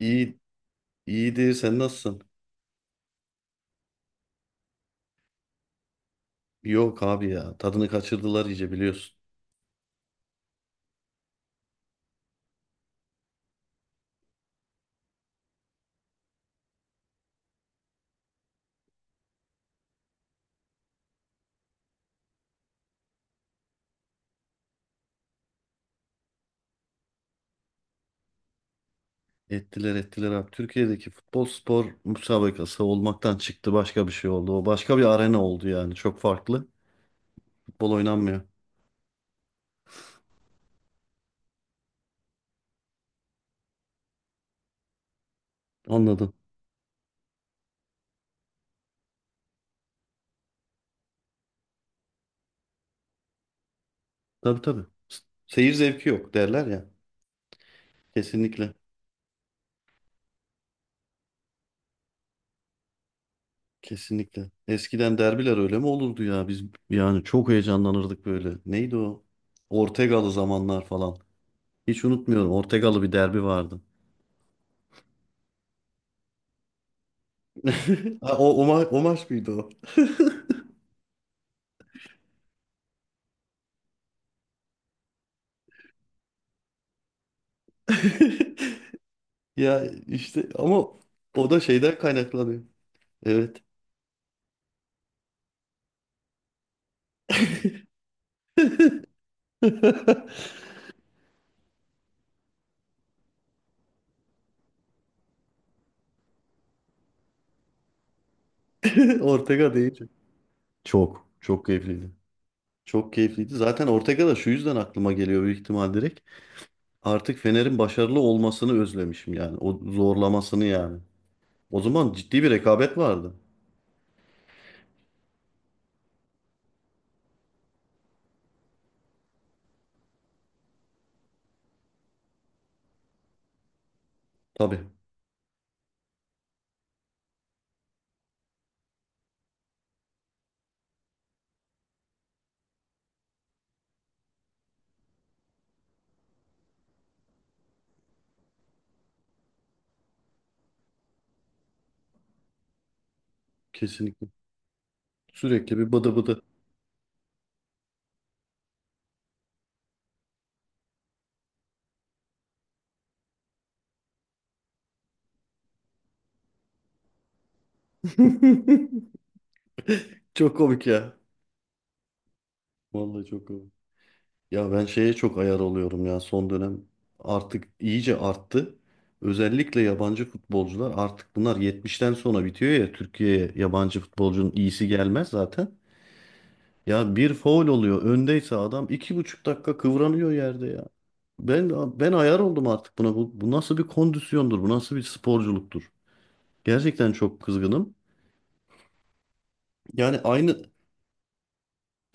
İyi, iyiydi. Sen nasılsın? Yok abi ya. Tadını kaçırdılar iyice biliyorsun. Ettiler ettiler abi. Türkiye'deki futbol spor müsabakası olmaktan çıktı. Başka bir şey oldu. O başka bir arena oldu yani. Çok farklı. Futbol oynanmıyor. Anladım. Tabii, tabii. Seyir zevki yok derler ya. Kesinlikle. Kesinlikle. Eskiden derbiler öyle mi olurdu ya? Biz yani çok heyecanlanırdık böyle. Neydi o? Ortegalı zamanlar falan. Hiç unutmuyorum. Ortegalı bir derbi vardı. Ha, o maç mıydı o? Ya işte ama o da şeyden kaynaklanıyor. Evet. Ortega değil. Çok keyifliydi. Çok keyifliydi. Zaten Ortega da şu yüzden aklıma geliyor, büyük ihtimal direkt. Artık Fener'in başarılı olmasını özlemişim yani. O zorlamasını yani. O zaman ciddi bir rekabet vardı. Tabii. Kesinlikle. Sürekli bir bıdı bıdı. Çok komik ya. Vallahi çok komik. Ya ben şeye çok ayar oluyorum ya, son dönem artık iyice arttı. Özellikle yabancı futbolcular, artık bunlar 70'ten sonra bitiyor ya, Türkiye'ye yabancı futbolcunun iyisi gelmez zaten. Ya bir faul oluyor, öndeyse adam 2,5 dakika kıvranıyor yerde ya. Ben ayar oldum artık buna. Bu nasıl bir kondisyondur? Bu nasıl bir sporculuktur? Gerçekten çok kızgınım. Yani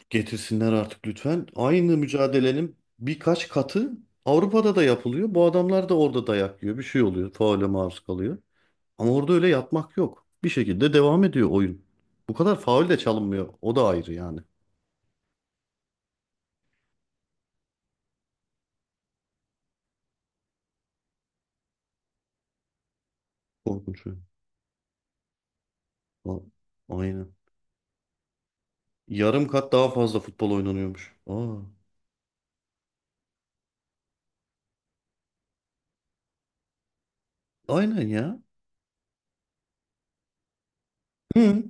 getirsinler artık lütfen. Aynı mücadelenin birkaç katı Avrupa'da da yapılıyor. Bu adamlar da orada dayak yiyor. Bir şey oluyor. Faule maruz kalıyor. Ama orada öyle yatmak yok. Bir şekilde devam ediyor oyun. Bu kadar faul de çalınmıyor. O da ayrı yani. Korkunç oyun. A- Aynen. Yarım kat daha fazla futbol oynanıyormuş. Aa, aynen ya. Hı.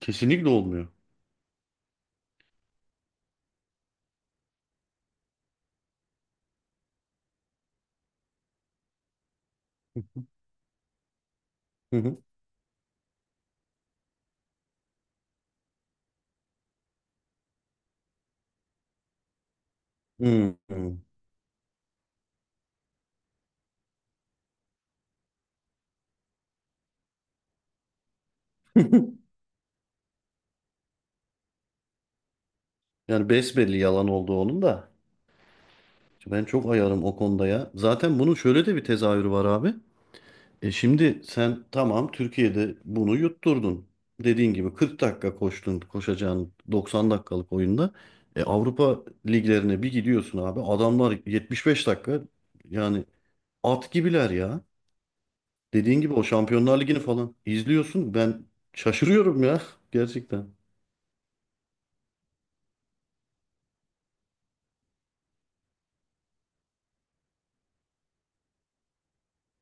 Kesinlikle olmuyor. Hı hı. Hı hı. Yani besbelli yalan oldu onun da. Ben çok ayarım o konuda ya. Zaten bunun şöyle de bir tezahürü var abi. E şimdi sen tamam, Türkiye'de bunu yutturdun. Dediğin gibi 40 dakika koştun koşacağın 90 dakikalık oyunda. E Avrupa liglerine bir gidiyorsun abi. Adamlar 75 dakika, yani at gibiler ya. Dediğin gibi o Şampiyonlar Ligi'ni falan izliyorsun. Ben şaşırıyorum ya, gerçekten.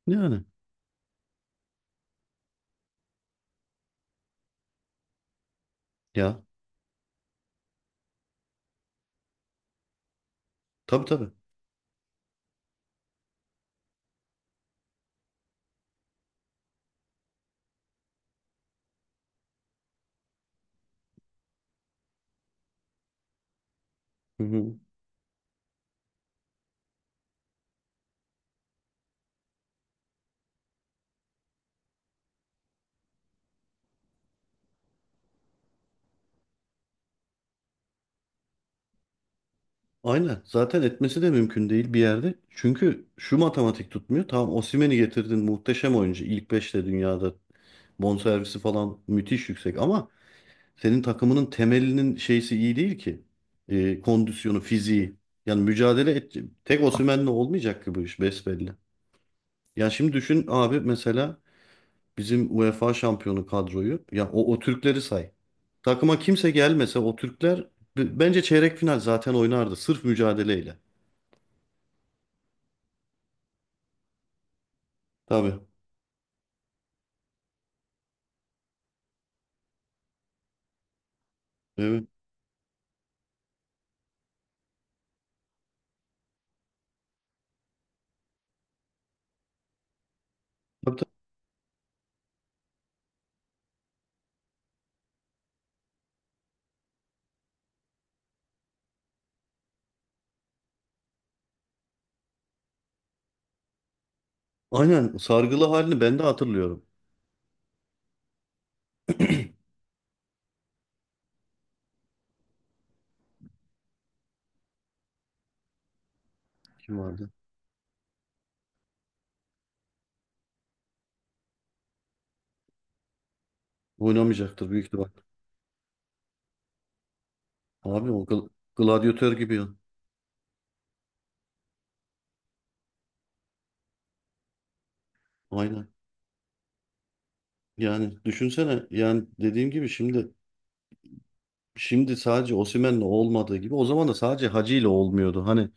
Yani ya, tabii tabii. Aynen. Zaten etmesi de mümkün değil bir yerde. Çünkü şu matematik tutmuyor. Tamam, Osimhen'i getirdin, muhteşem oyuncu. İlk beşte dünyada, bonservisi falan müthiş yüksek, ama senin takımının temelinin şeysi iyi değil ki. Kondisyonu, fiziği. Yani mücadele et. Tek Osimhen'le olmayacak ki bu iş, besbelli. Ya şimdi düşün abi mesela, bizim UEFA şampiyonu kadroyu. Ya o Türkleri say. Takıma kimse gelmese o Türkler bence çeyrek final zaten oynardı. Sırf mücadeleyle. Tabii. Evet. Hatta aynen sargılı halini ben de hatırlıyorum. Kim vardı? Oynamayacaktır büyük ihtimal. Abi gladyatör gibi ya. Aynen. Yani düşünsene, yani dediğim gibi şimdi sadece Osimhen'le olmadığı gibi, o zaman da sadece Hacı ile olmuyordu. Hani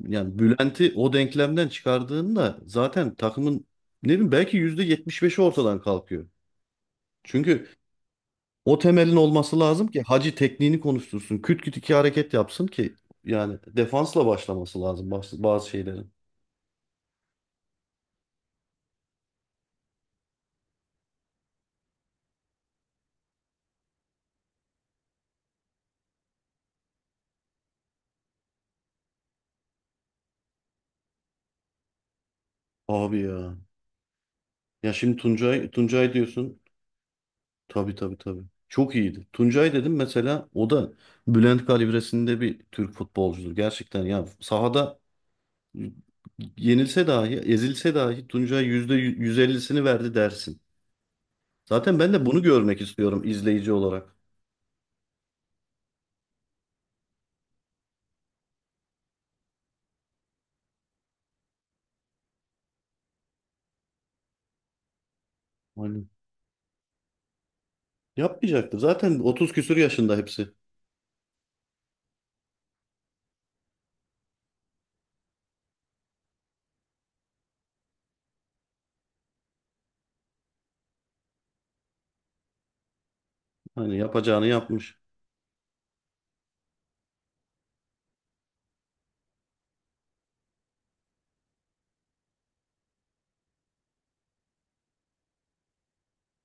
yani Bülent'i o denklemden çıkardığında zaten takımın, ne bileyim, belki %75'i ortadan kalkıyor. Çünkü o temelin olması lazım ki Hacı tekniğini konuştursun. Küt küt iki hareket yapsın ki, yani defansla başlaması lazım bazı şeylerin. Abi ya. Ya şimdi Tuncay Tuncay diyorsun. Tabii, tabii, tabii. Çok iyiydi. Tuncay dedim mesela, o da Bülent kalibresinde bir Türk futbolcudur. Gerçekten ya, sahada yenilse dahi, ezilse dahi Tuncay %150'sini verdi dersin. Zaten ben de bunu görmek istiyorum, izleyici olarak. Aynen. Yapmayacaktır. Zaten 30 küsur yaşında hepsi. Hani yapacağını yapmış.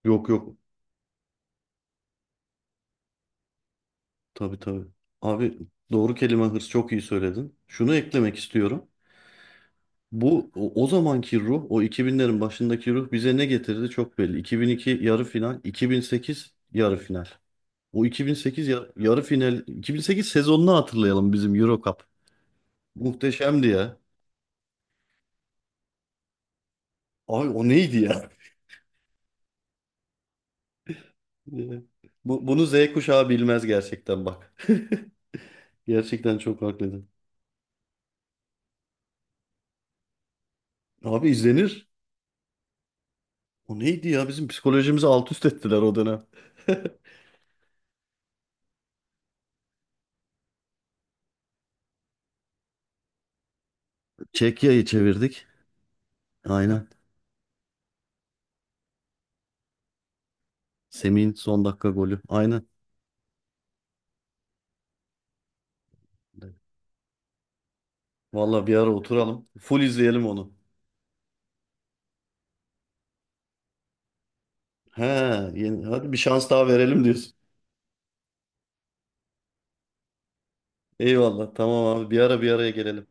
Yok, yok. Tabii, tabii. Abi doğru kelime hırs, çok iyi söyledin. Şunu eklemek istiyorum. Bu o zamanki ruh, o 2000'lerin başındaki ruh bize ne getirdi çok belli. 2002 yarı final, 2008 yarı final. O 2008 yarı final, 2008 sezonunu hatırlayalım, bizim Euro Cup. Muhteşemdi ya. Abi o neydi ya? Bunu Z kuşağı bilmez gerçekten, bak. Gerçekten çok haklıydın. Abi izlenir. O neydi ya? Bizim psikolojimizi alt üst ettiler o dönem. Çekya'yı çevirdik. Aynen. Semih'in son dakika golü. Aynen. Vallahi bir ara oturalım. Full izleyelim onu. He, yeni, hadi bir şans daha verelim diyorsun. Eyvallah. Tamam abi. Bir ara bir araya gelelim.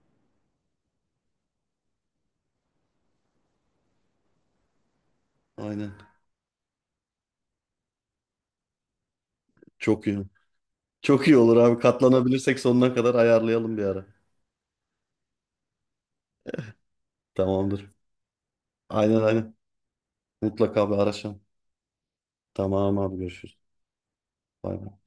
Aynen. Çok iyi. Çok iyi olur abi. Katlanabilirsek sonuna kadar ayarlayalım bir ara. Tamamdır. Aynen, aynen. Mutlaka bir araşalım. Tamam abi, görüşürüz. Bay bay.